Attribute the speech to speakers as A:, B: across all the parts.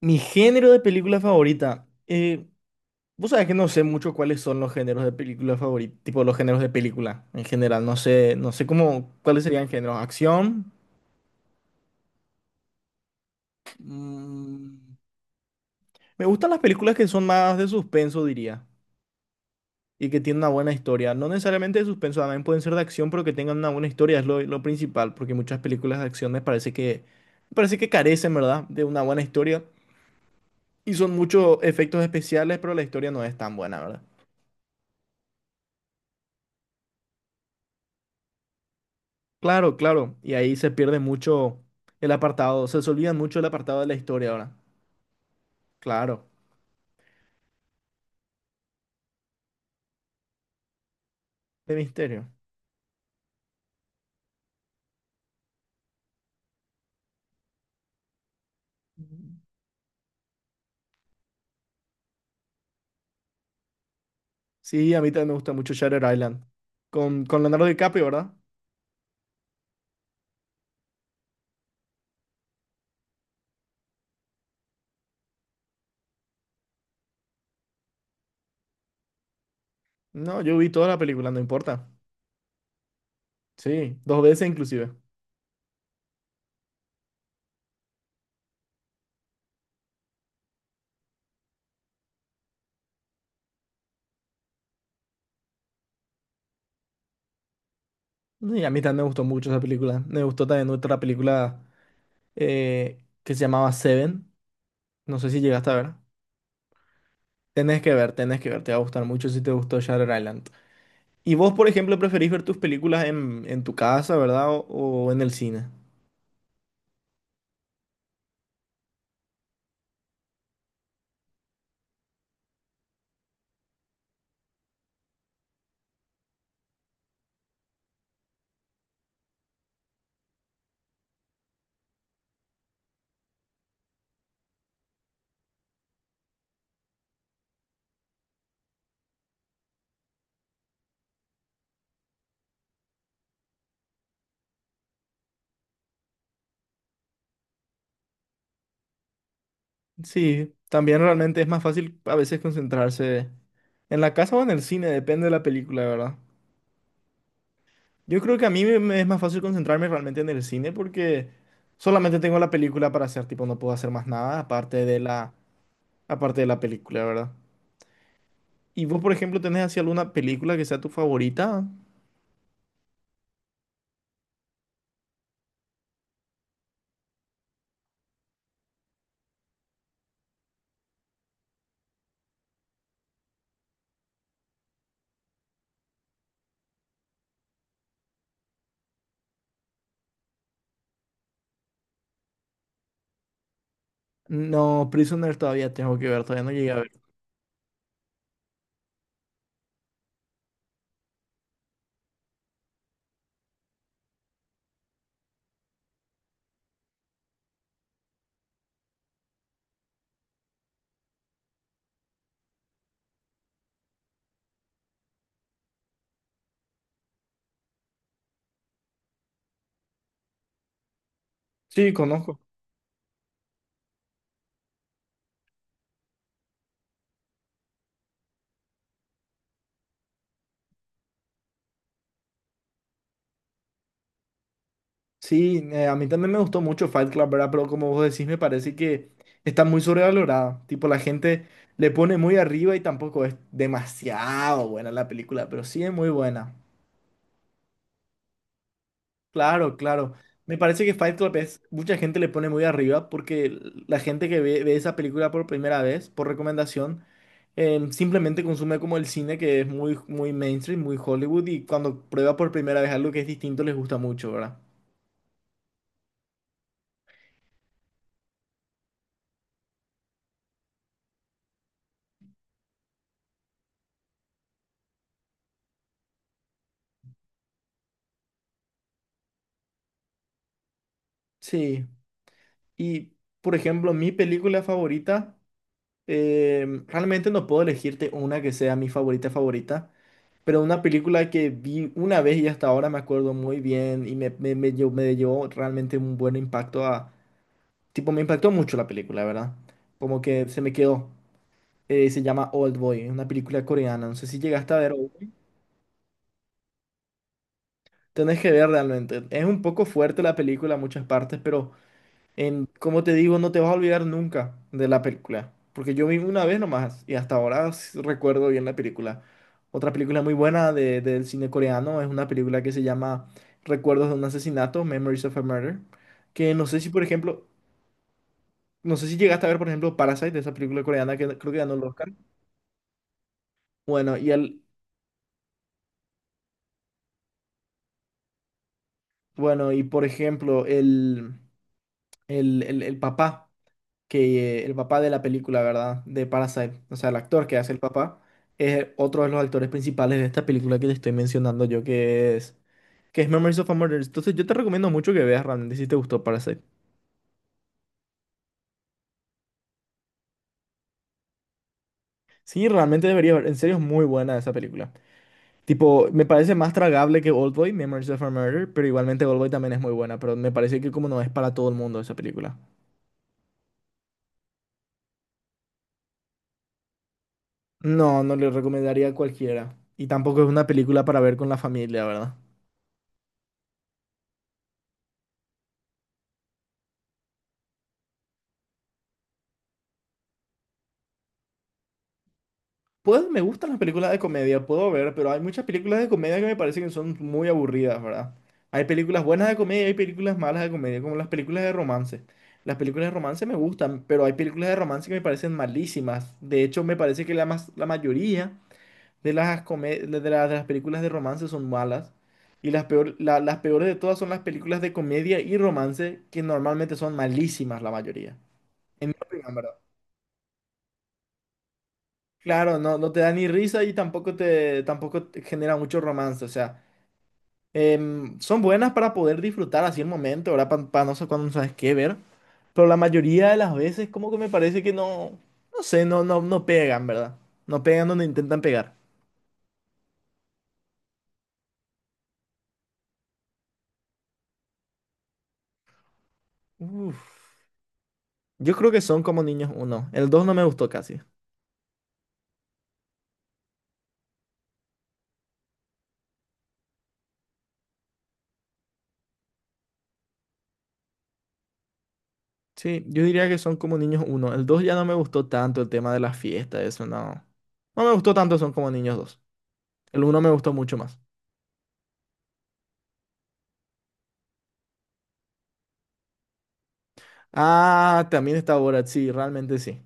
A: Mi género de película favorita. Vos sabés que no sé mucho cuáles son los géneros de película favorita, tipo los géneros de película en general. No sé, no sé cómo, cuáles serían géneros. Acción. mm, Me gustan las películas que son más de suspenso, diría, y que tienen una buena historia. No necesariamente de suspenso, también pueden ser de acción, pero que tengan una buena historia es lo principal, porque muchas películas de acción me parece que carecen, ¿verdad?, de una buena historia. Y son muchos efectos especiales, pero la historia no es tan buena, ¿verdad? Claro, claro. Y ahí se pierde mucho el apartado, se olvidan mucho el apartado de la historia ahora. Claro, de misterio. Sí, a mí también me gusta mucho Shutter Island. Con Leonardo DiCaprio, ¿verdad? No, yo vi toda la película, no importa. Sí, dos veces inclusive. Y a mí también me gustó mucho esa película. Me gustó también otra película que se llamaba Seven. No sé si llegaste a ver. Tenés que ver, tenés que ver, te va a gustar mucho si te gustó Shutter Island. ¿Y vos, por ejemplo, preferís ver tus películas en tu casa, ¿verdad? o en el cine? Sí, también realmente es más fácil a veces concentrarse en la casa o en el cine, depende de la película, ¿verdad? Yo creo que a me es más fácil concentrarme realmente en el cine porque solamente tengo la película para hacer, tipo, no puedo hacer más nada aparte de la película, ¿verdad? ¿Y vos, por ejemplo, tenés así alguna película que sea tu favorita? No, Prisoner todavía tengo que ver, todavía no llegué a ver. Sí, conozco. Sí, a mí también me gustó mucho Fight Club, ¿verdad? Pero como vos decís, me parece que está muy sobrevalorada. Tipo, la gente le pone muy arriba y tampoco es demasiado buena la película, pero sí es muy buena. Claro, claro. Me parece que Fight Club es, mucha gente le pone muy arriba porque la gente que ve esa película por primera vez, por recomendación, simplemente consume como el cine que es muy mainstream, muy Hollywood, y cuando prueba por primera vez algo que es distinto les gusta mucho, ¿verdad? Sí. Y, por ejemplo, mi película favorita, realmente no puedo elegirte una que sea mi favorita favorita, pero una película que vi una vez y hasta ahora me acuerdo muy bien y me llevó realmente un buen impacto a... Tipo, me impactó mucho la película, ¿verdad? Como que se me quedó. Se llama Old Boy, una película coreana. No sé si llegaste a ver. Old Boy. Tenés que ver realmente. Es un poco fuerte la película en muchas partes, pero... En, como te digo, no te vas a olvidar nunca de la película, porque yo vi una vez nomás y hasta ahora recuerdo bien la película. Otra película muy buena del cine coreano es una película que se llama Recuerdos de un asesinato, Memories of a Murder, que no sé si, por ejemplo, no sé si llegaste a ver, por ejemplo, Parasite, esa película coreana que creo que ganó el Oscar. Bueno, y el, bueno, y por ejemplo, el papá. Que el papá de la película, ¿verdad? De Parasite, o sea, el actor que hace el papá, es otro de los actores principales de esta película que te estoy mencionando yo, que es Memories of a Murder. Entonces yo te recomiendo mucho que veas realmente si te gustó Parasite. Sí, realmente deberías ver, en serio es muy buena esa película. Tipo, me parece más tragable que Oldboy, Memories of a Murder, pero igualmente Oldboy también es muy buena, pero me parece que como no es para todo el mundo esa película. No, no le recomendaría a cualquiera. Y tampoco es una película para ver con la familia, ¿verdad? Pues me gustan las películas de comedia, puedo ver, pero hay muchas películas de comedia que me parecen que son muy aburridas, ¿verdad? Hay películas buenas de comedia y hay películas malas de comedia, como las películas de romance. Las películas de romance me gustan, pero hay películas de romance que me parecen malísimas. De hecho, me parece que la mayoría de las, come- de la- de las películas de romance son malas. Y las peores de todas son las películas de comedia y romance, que normalmente son malísimas la mayoría. En mi opinión, ¿verdad? Claro, no, no te da ni risa y tampoco te genera mucho romance. O sea, son buenas para poder disfrutar así el momento, ¿verdad? Para no sé cuándo no sabes qué ver. Pero la mayoría de las veces como que me parece que no pegan, ¿verdad? No pegan donde intentan pegar. Uf, Yo creo que son como niños uno. El dos no me gustó casi. Sí, yo diría que son como niños uno. El dos ya no me gustó tanto el tema de la fiesta, eso no. No me gustó tanto son como niños dos. El uno me gustó mucho más. Ah, también está Borat, sí, realmente sí.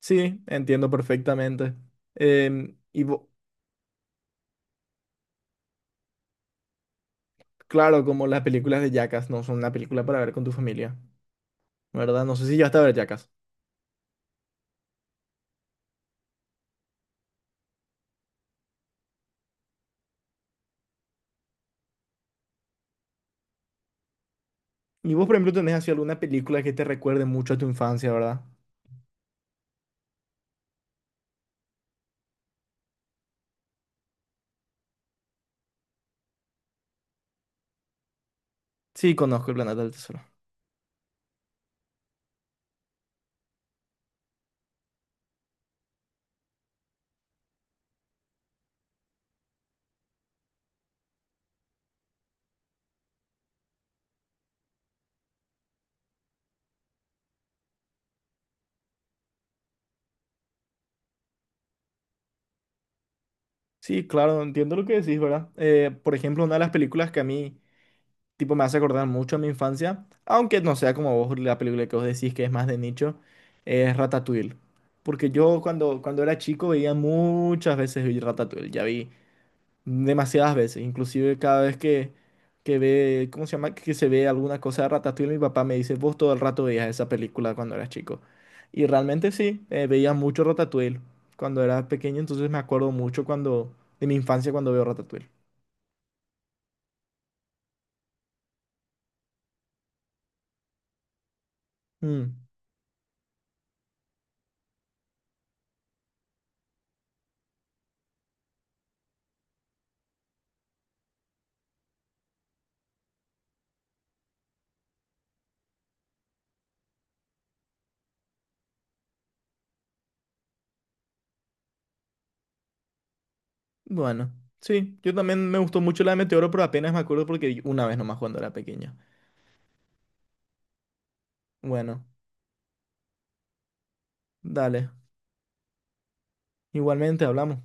A: Sí, entiendo perfectamente. Em, y vo- claro, como las películas de Jackass no son una película para ver con tu familia, ¿verdad? No sé si ya está a ver Jackass. Y vos, por ejemplo, tenés así alguna película que te recuerde mucho a tu infancia, ¿verdad? Sí, conozco El Planeta del Tesoro. Sí, claro, entiendo lo que decís, ¿verdad? Por ejemplo, una de las películas que a mí tipo, me hace acordar mucho a mi infancia, aunque no sea como vos la película que vos decís que es más de nicho, es Ratatouille. Porque yo cuando era chico veía muchas veces vi Ratatouille, ya vi demasiadas veces, inclusive cada vez que ve, ¿cómo se llama? Que se ve alguna cosa de Ratatouille, mi papá me dice, vos todo el rato veías esa película cuando eras chico. Y realmente sí, veía mucho Ratatouille cuando era pequeño, entonces me acuerdo mucho de mi infancia cuando veo Ratatouille. Mm. Bueno, sí, yo también me gustó mucho la de Meteoro, pero apenas me acuerdo porque vi una vez nomás cuando era pequeño. Bueno, dale. Igualmente hablamos.